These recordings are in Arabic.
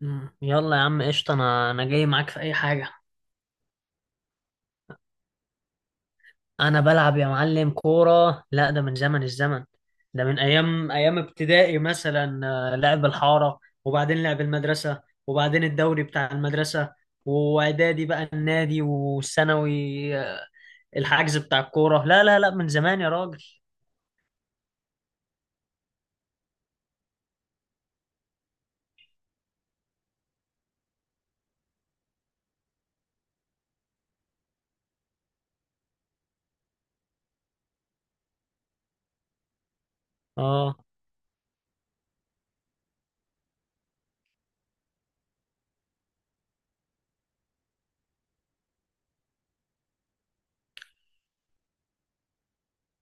مم. يلا يا عم قشطة، أنا جاي معاك في أي حاجة. أنا بلعب يا معلم كورة، لا ده من زمن الزمن. ده من أيام ابتدائي مثلا، لعب الحارة، وبعدين لعب المدرسة، وبعدين الدوري بتاع المدرسة، وإعدادي بقى النادي، والثانوي الحجز بتاع الكورة، لا لا لا من زمان يا راجل. آه.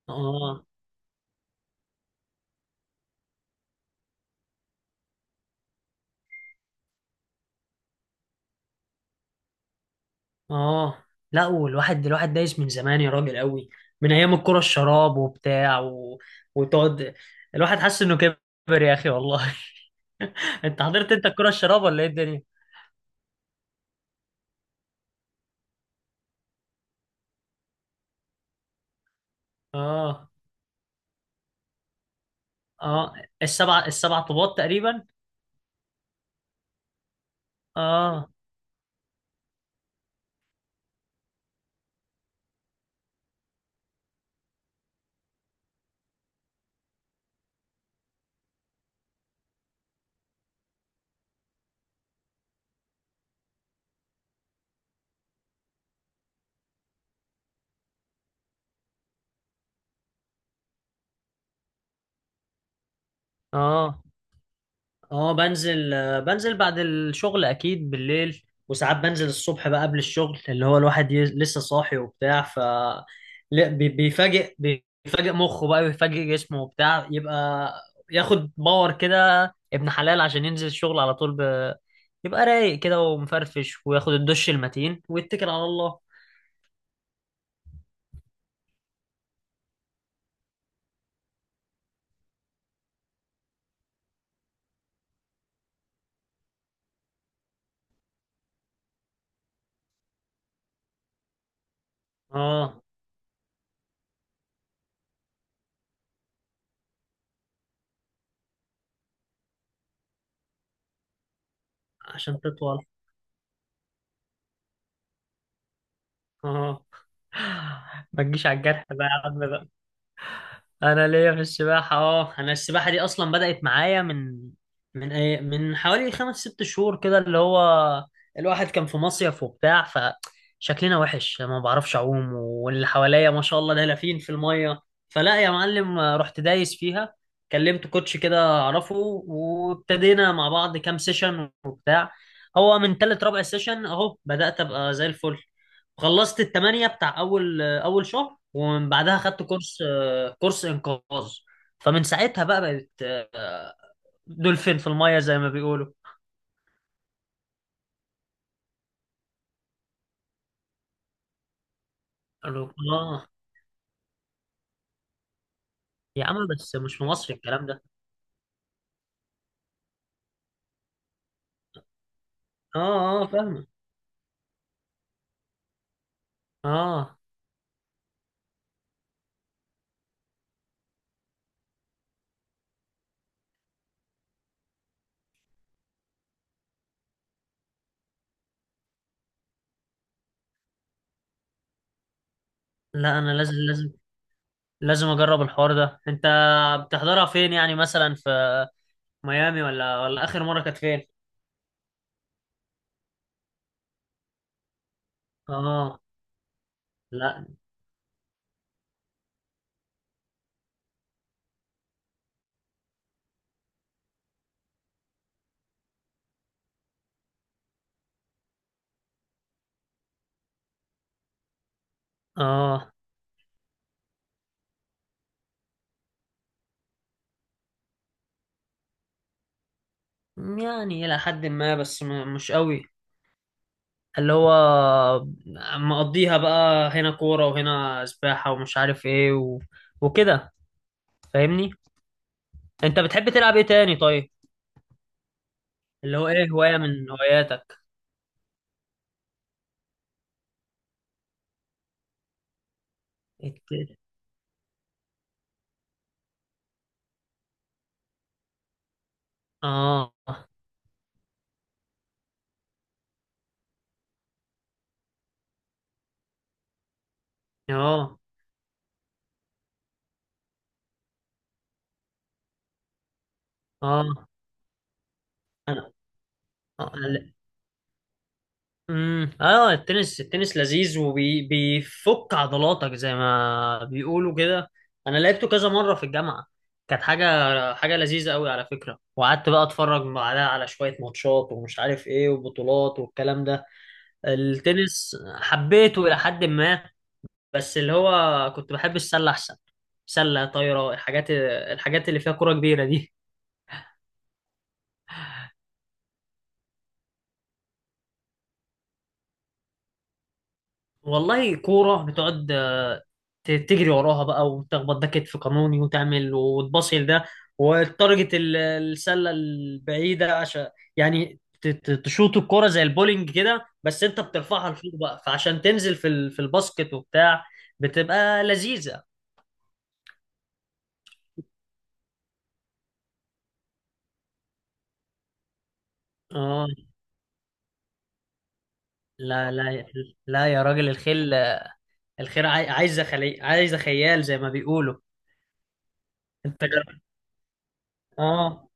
آه. اه. لا، والواحد الواحد دايس من زمان يا راجل قوي. من ايام الكرة الشراب وبتاع. وتقعد، الواحد حاسس انه كبر يا اخي والله. انت حضرت، انت الكرة الشراب ولا ايه الدنيا؟ اه. اه. السبع طوبات تقريبا. اه. اه. بنزل بعد الشغل اكيد بالليل، وساعات بنزل الصبح بقى قبل الشغل، اللي هو الواحد لسه صاحي وبتاع. لا، بيفاجئ مخه بقى، بيفاجئ جسمه وبتاع، يبقى ياخد باور كده، ابن حلال عشان ينزل الشغل على طول. يبقى رايق كده ومفرفش، وياخد الدش المتين ويتكل على الله. اه. عشان تطول. اه. ما تجيش على الجرح بقى يا عم. انا ليا في السباحه، اه انا السباحه دي اصلا بدات معايا من من ايه من حوالي خمس ست شهور كده، اللي هو الواحد كان في مصيف وبتاع، فشكلنا وحش ما بعرفش اعوم، واللي حواليا ما شاء الله دلافين في الميه، فلا يا معلم رحت دايس فيها. كلمت كوتش كده اعرفه، وابتدينا مع بعض كام سيشن وبتاع، هو من تالت رابع سيشن اهو بدات ابقى زي الفل. خلصت التمانية بتاع اول شهر، ومن بعدها خدت كورس، كورس انقاذ. فمن ساعتها بقى بقت آه، دولفين في الميه زي ما بيقولوا. قالوا اه. يا عم بس مش في مصر الكلام ده. اه. اه. فاهمه. اه. لا، انا لازم لازم لازم اجرب الحوار ده. انت بتحضرها فين؟ يعني مثلا في ميامي، ولا اخر مره كانت فين؟ اه. لا. اه، يعني الى حد ما بس مش قوي، اللي هو مقضيها بقى هنا كوره وهنا سباحه، ومش عارف ايه. وكده، فاهمني؟ انت بتحب تلعب ايه تاني طيب؟ اللي هو ايه هواية من هواياتك؟ الت- اه. اه. اه. انا. اه. لا. اه، التنس لذيذ وبيفك عضلاتك زي ما بيقولوا كده. انا لعبته كذا مرة في الجامعة، كانت حاجة لذيذة قوي على فكرة. وقعدت بقى اتفرج بعدها على شوية ماتشات ومش عارف ايه وبطولات والكلام ده. التنس حبيته الى حد ما، بس اللي هو كنت بحب السله احسن. سله طايره، الحاجات اللي فيها كوره كبيره دي. والله كوره بتقعد، تجري وراها بقى، وتخبط ده كتف قانوني، وتعمل، وتباصي ده، والتارجت السله البعيده، عشان يعني تشوط الكوره زي البولينج كده، بس انت بترفعها لفوق بقى فعشان تنزل في في الباسكت وبتاع، بتبقى لذيذه. اه. لا. لا. لا يا راجل، الخيل، الخيل عايزه خيال زي ما بيقولوا. انت. اه.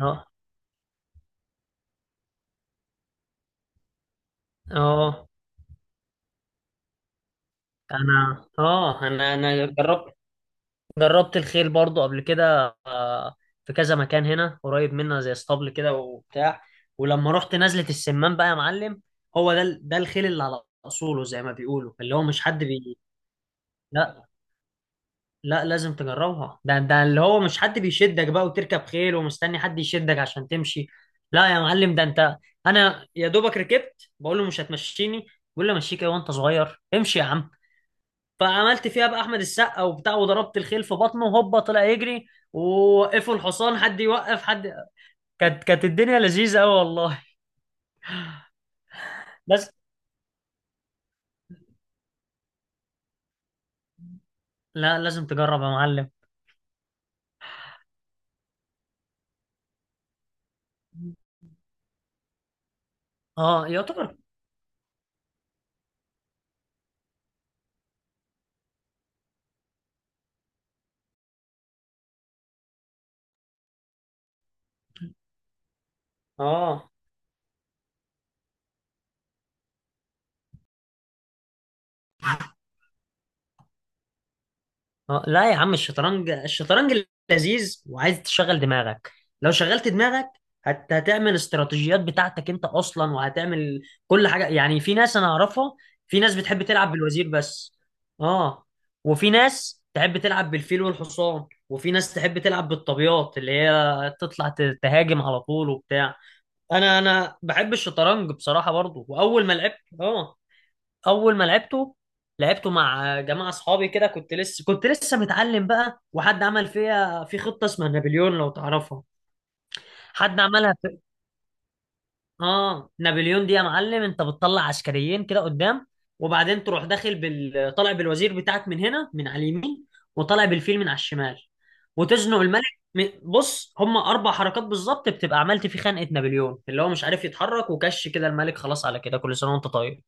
اه. اه. انا جربت، جربت الخيل برضو قبل كده، في كذا مكان هنا قريب منا زي اسطبل كده وبتاع. ولما رحت نزلة السمان بقى يا معلم، هو ده الخيل اللي على اصوله زي ما بيقولوا، اللي هو مش حد. لا. لا، لازم تجربها، ده اللي هو مش حد بيشدك بقى، وتركب خيل ومستني حد يشدك عشان تمشي. لا يا معلم ده انت، انا يا دوبك ركبت بقول له مش هتمشيني، بيقول لي امشيك ايه وانت صغير، امشي يا عم. فعملت فيها بقى احمد السقا وبتاع، وضربت الخيل في بطنه، هوبا طلع يجري، ووقفوا الحصان، حد يوقف حد. كانت الدنيا لذيذه قوي والله. بس، لا لازم تجرب يا معلم. اه. يعتبر. اه. لا يا عم الشطرنج لذيذ، وعايز تشغل دماغك. لو شغلت دماغك، هتعمل استراتيجيات بتاعتك انت اصلا، وهتعمل كل حاجه. يعني في ناس انا اعرفها، في ناس بتحب تلعب بالوزير بس. اه. وفي ناس تحب تلعب بالفيل والحصان، وفي ناس تحب تلعب بالطابيات، اللي هي تطلع تهاجم على طول وبتاع. انا بحب الشطرنج بصراحه برضو. واول ما لعبت اه اول ما لعبته، لعبته مع جماعه اصحابي كده، كنت لسه متعلم بقى، وحد عمل فيها في خطه اسمها نابليون، لو تعرفها. حد عملها. اه، نابليون دي يا معلم، انت بتطلع عسكريين كده قدام، وبعدين تروح داخل بال، طالع بالوزير بتاعك من هنا من على اليمين، وطالع بالفيل من على الشمال، وتزنق الملك. م- بص، هم 4 حركات بالظبط بتبقى عملت في خنقه نابليون، اللي هو مش عارف يتحرك، وكش كده الملك، خلاص على كده، كل سنه وانت طيب.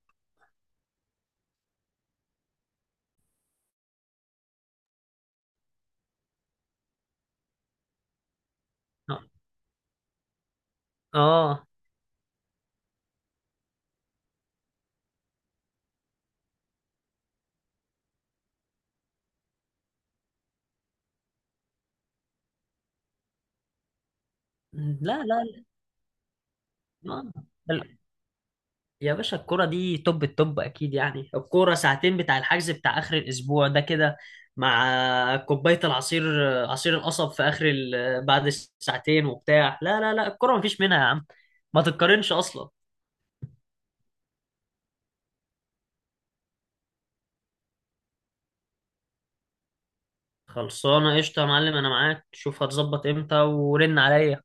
اه. آه. لا. لا. آه. بل- يا باشا الكرة دي توب التوب أكيد. يعني الكرة ساعتين بتاع الحجز بتاع آخر الأسبوع ده كده، مع كوباية العصير، عصير القصب في آخر. بعد الساعتين وبتاع، لا لا لا، الكرة مفيش منها يا عم، ما تتقارنش أصلا. خلصانة قشطة يا معلم، أنا معاك، شوف هتظبط إمتى ورن عليا.